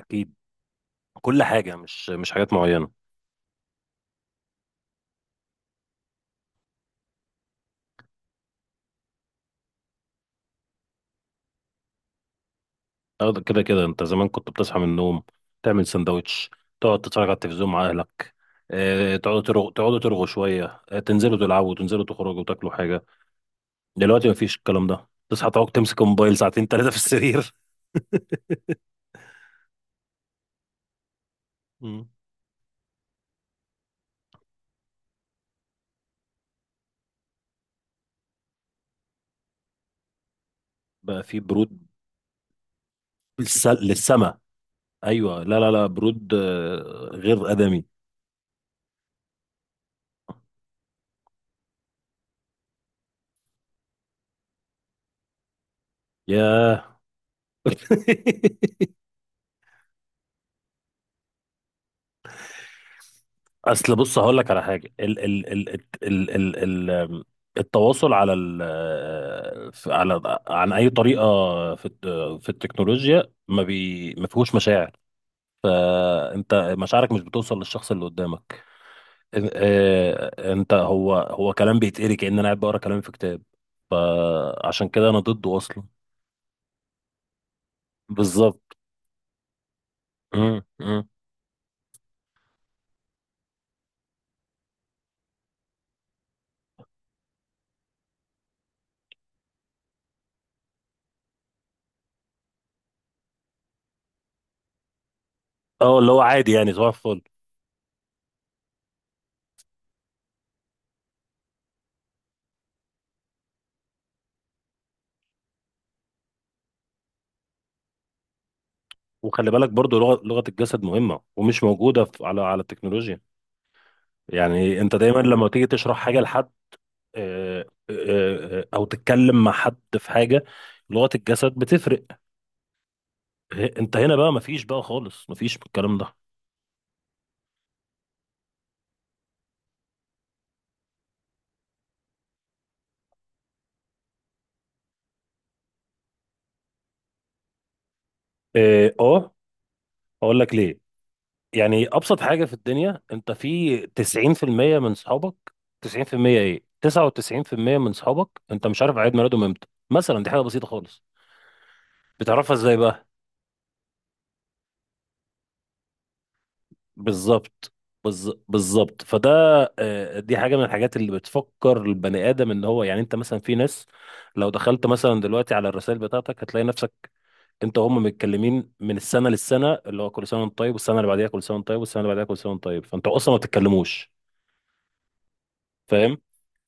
اكيد. كل حاجه مش حاجات معينه. كده كده انت زمان كنت بتصحى من النوم، تعمل سندوتش، تقعد تتفرج على التلفزيون مع اهلك. تقعدوا ترغوا تقعدوا ترغوا شويه، تنزلوا تلعبوا تنزلوا تخرجوا وتاكلوا حاجه. دلوقتي مفيش الكلام ده، تصحى تقعد تمسك موبايل ساعتين ثلاثه في السرير. مم. بقى في برود. للسما. ايوه، لا لا لا، برود غير ادمي. ياه. اصل بص هقول لك على حاجه. ال التواصل على ال، على، عن اي طريقه، في الت- في التكنولوجيا ما فيهوش مشاعر. انت مشاعرك مش بتوصل للشخص اللي قدامك. انت، هو كلام بيتقري كأن انا قاعد بقرا كلام في كتاب. فعشان كده انا ضده اصلا. بالظبط. مم، مم. اه، اللي هو عادي يعني، صباح الفل. وخلي بالك برضو لغه الجسد مهمه ومش موجوده على التكنولوجيا. يعني انت دايما لما تيجي تشرح حاجه لحد، آه، او تتكلم مع حد في حاجه، لغه الجسد بتفرق. انت هنا بقى مفيش، بقى خالص مفيش من الكلام ده. اه، اقول لك ليه. يعني ابسط حاجه في الدنيا، انت في 90% من صحابك، 90% ايه، 99% من صحابك انت مش عارف عيد ميلادهم امتى مثلا. دي حاجه بسيطه خالص. بتعرفها ازاي بقى؟ بالظبط. بالظبط. فده دي حاجه من الحاجات اللي بتفكر البني ادم ان هو، يعني انت مثلا في ناس، لو دخلت مثلا دلوقتي على الرسائل بتاعتك هتلاقي نفسك انت وهم متكلمين من السنه للسنه، اللي هو كل سنه وانت طيب، والسنه اللي بعديها كل سنه وانت طيب، والسنه اللي بعديها كل سنه وانت طيب، فانتوا اصلا ما بتتكلموش. فاهم.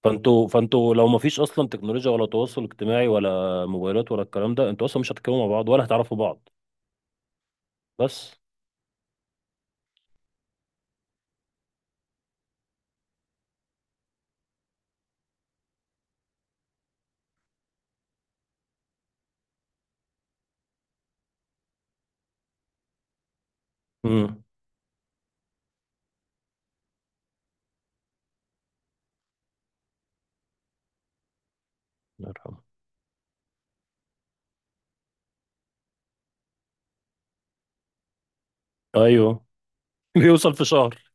فانتوا لو ما فيش اصلا تكنولوجيا ولا تواصل اجتماعي ولا موبايلات ولا الكلام ده، انتوا اصلا مش هتتكلموا مع بعض ولا هتعرفوا بعض. بس. امم الله يرحمه. ايوه. بيوصل في شهر.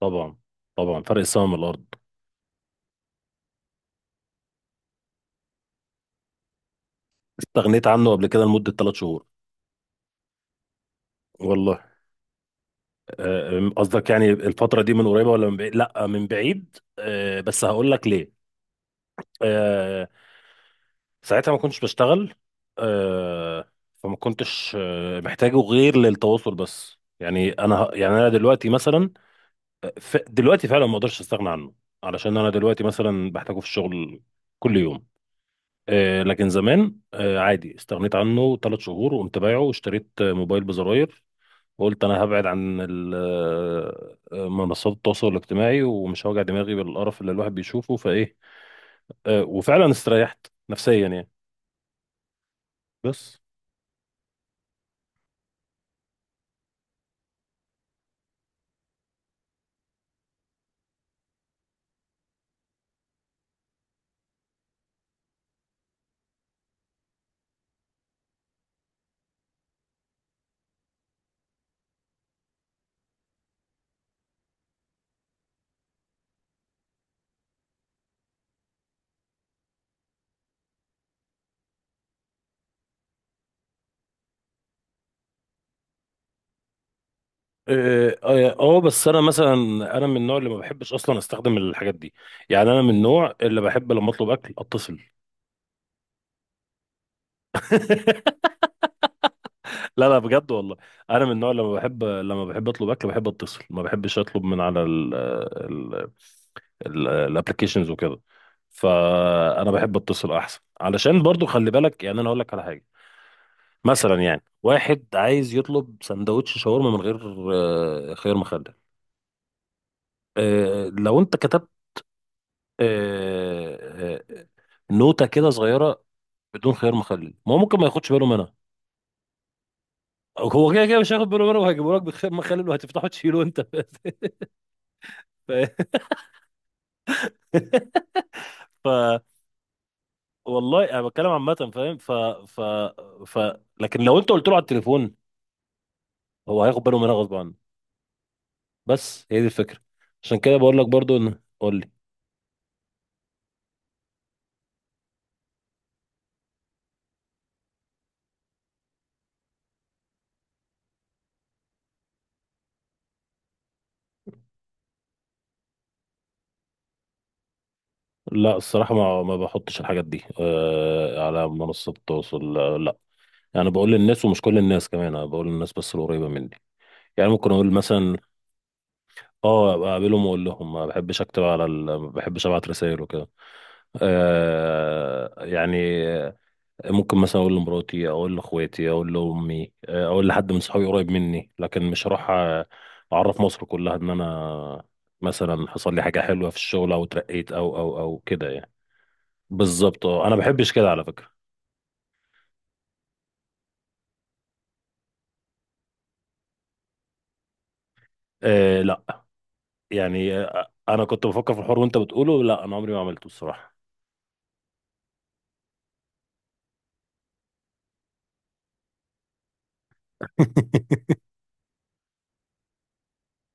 طبعا، طبعا، فرق السماء من الارض. استغنيت عنه قبل كده لمده ثلاث شهور. والله قصدك يعني الفتره دي من قريبه ولا من بعيد؟ لا، من بعيد، بس هقول لك ليه. آه، ساعتها ما كنتش بشتغل. آه، فما كنتش محتاجه غير للتواصل بس. يعني انا يعني انا دلوقتي مثلا، دلوقتي فعلا ما اقدرش استغنى عنه، علشان انا دلوقتي مثلا بحتاجه في الشغل كل يوم. لكن زمان عادي، استغنيت عنه ثلاث شهور، وقمت بايعه واشتريت موبايل بزراير، وقلت انا هبعد عن منصات التواصل الاجتماعي، ومش هوجع دماغي بالقرف اللي الواحد بيشوفه فايه. وفعلا استريحت نفسيا يعني. بس اه، بس انا مثلا، انا من النوع اللي ما بحبش اصلا استخدم الحاجات دي. يعني انا من النوع اللي بحب لما اطلب اكل اتصل. لا لا، بجد والله. انا من النوع لما بحب اطلب اكل بحب اتصل. ما بحبش اطلب من على ال الابلكيشنز وكده. فانا بحب اتصل احسن، علشان برضو خلي بالك، يعني انا اقول لك على حاجه. مثلا يعني واحد عايز يطلب سندوتش شاورما من غير خيار مخلل. لو انت كتبت آه، آه، نوتة كده صغيرة بدون خيار مخلل، ما هو ممكن ما ياخدش باله منها. هو كده كده مش هياخد باله منها، وهيجيبوا لك بخيار مخلل وهتفتحه تشيله انت. ف... ف والله انا بتكلم عامه، فاهم. ف ف ف لكن لو انت قلت له على التليفون، هو هياخد باله منها غصب عنه. بس هي دي الفكره. عشان كده بقول لك برضو ان قول لي. لا الصراحه، ما بحطش الحاجات دي على منصات التواصل، لا. يعني بقول للناس، ومش كل الناس كمان، انا بقول للناس بس القريبه مني. يعني ممكن اقول مثلا، اه أبقى اقابلهم واقول لهم. ما بحبش اكتب على ال... ما بحبش ابعت رسائل وكده. آه يعني ممكن مثلا اقول لمراتي، اقول لاخواتي، اقول لامي، اقول لحد من صحابي قريب مني. لكن مش هروح اعرف مصر كلها ان انا مثلا حصل لي حاجه حلوه في الشغل او اترقيت او كده يعني. بالظبط اه، انا ما بحبش كده على فكره. أه لا، يعني انا كنت بفكر في الحوار وانت بتقوله، لا انا عمري ما عملته الصراحه.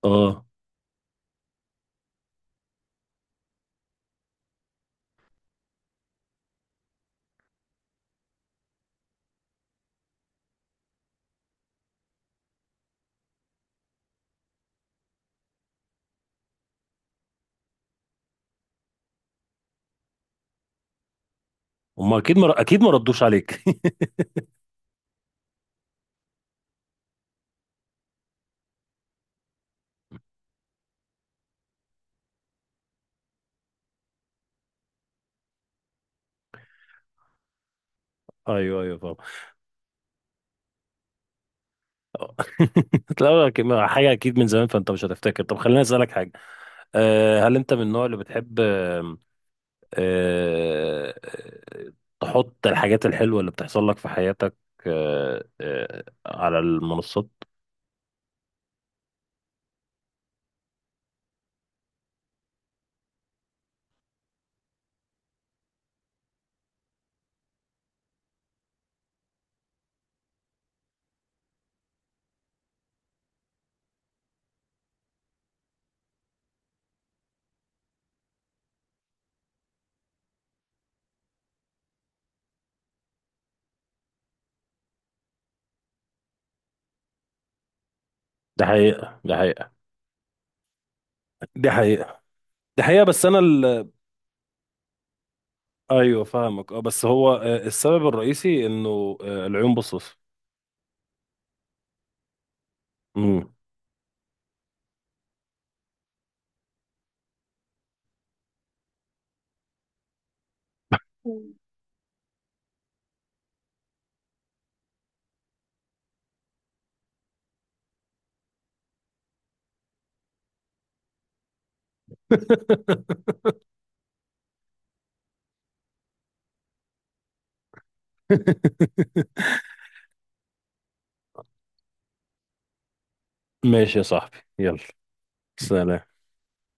اه، هما اكيد اكيد ما ردوش عليك. ايوه ايوه، فاهم. آه. لا، حاجه اكيد من زمان، فانت مش هتفتكر. طب خليني اسالك حاجه، هل انت من النوع اللي بتحب آه، تحط الحاجات الحلوة اللي بتحصل لك في حياتك على المنصات؟ ده حقيقة، ده حقيقة، دي حقيقة، دي حقيقة. بس أنا ال... ايوه فاهمك اه، بس هو السبب الرئيسي انه العيون بصص. امم ماشي يا صاحبي، يلا، سلام.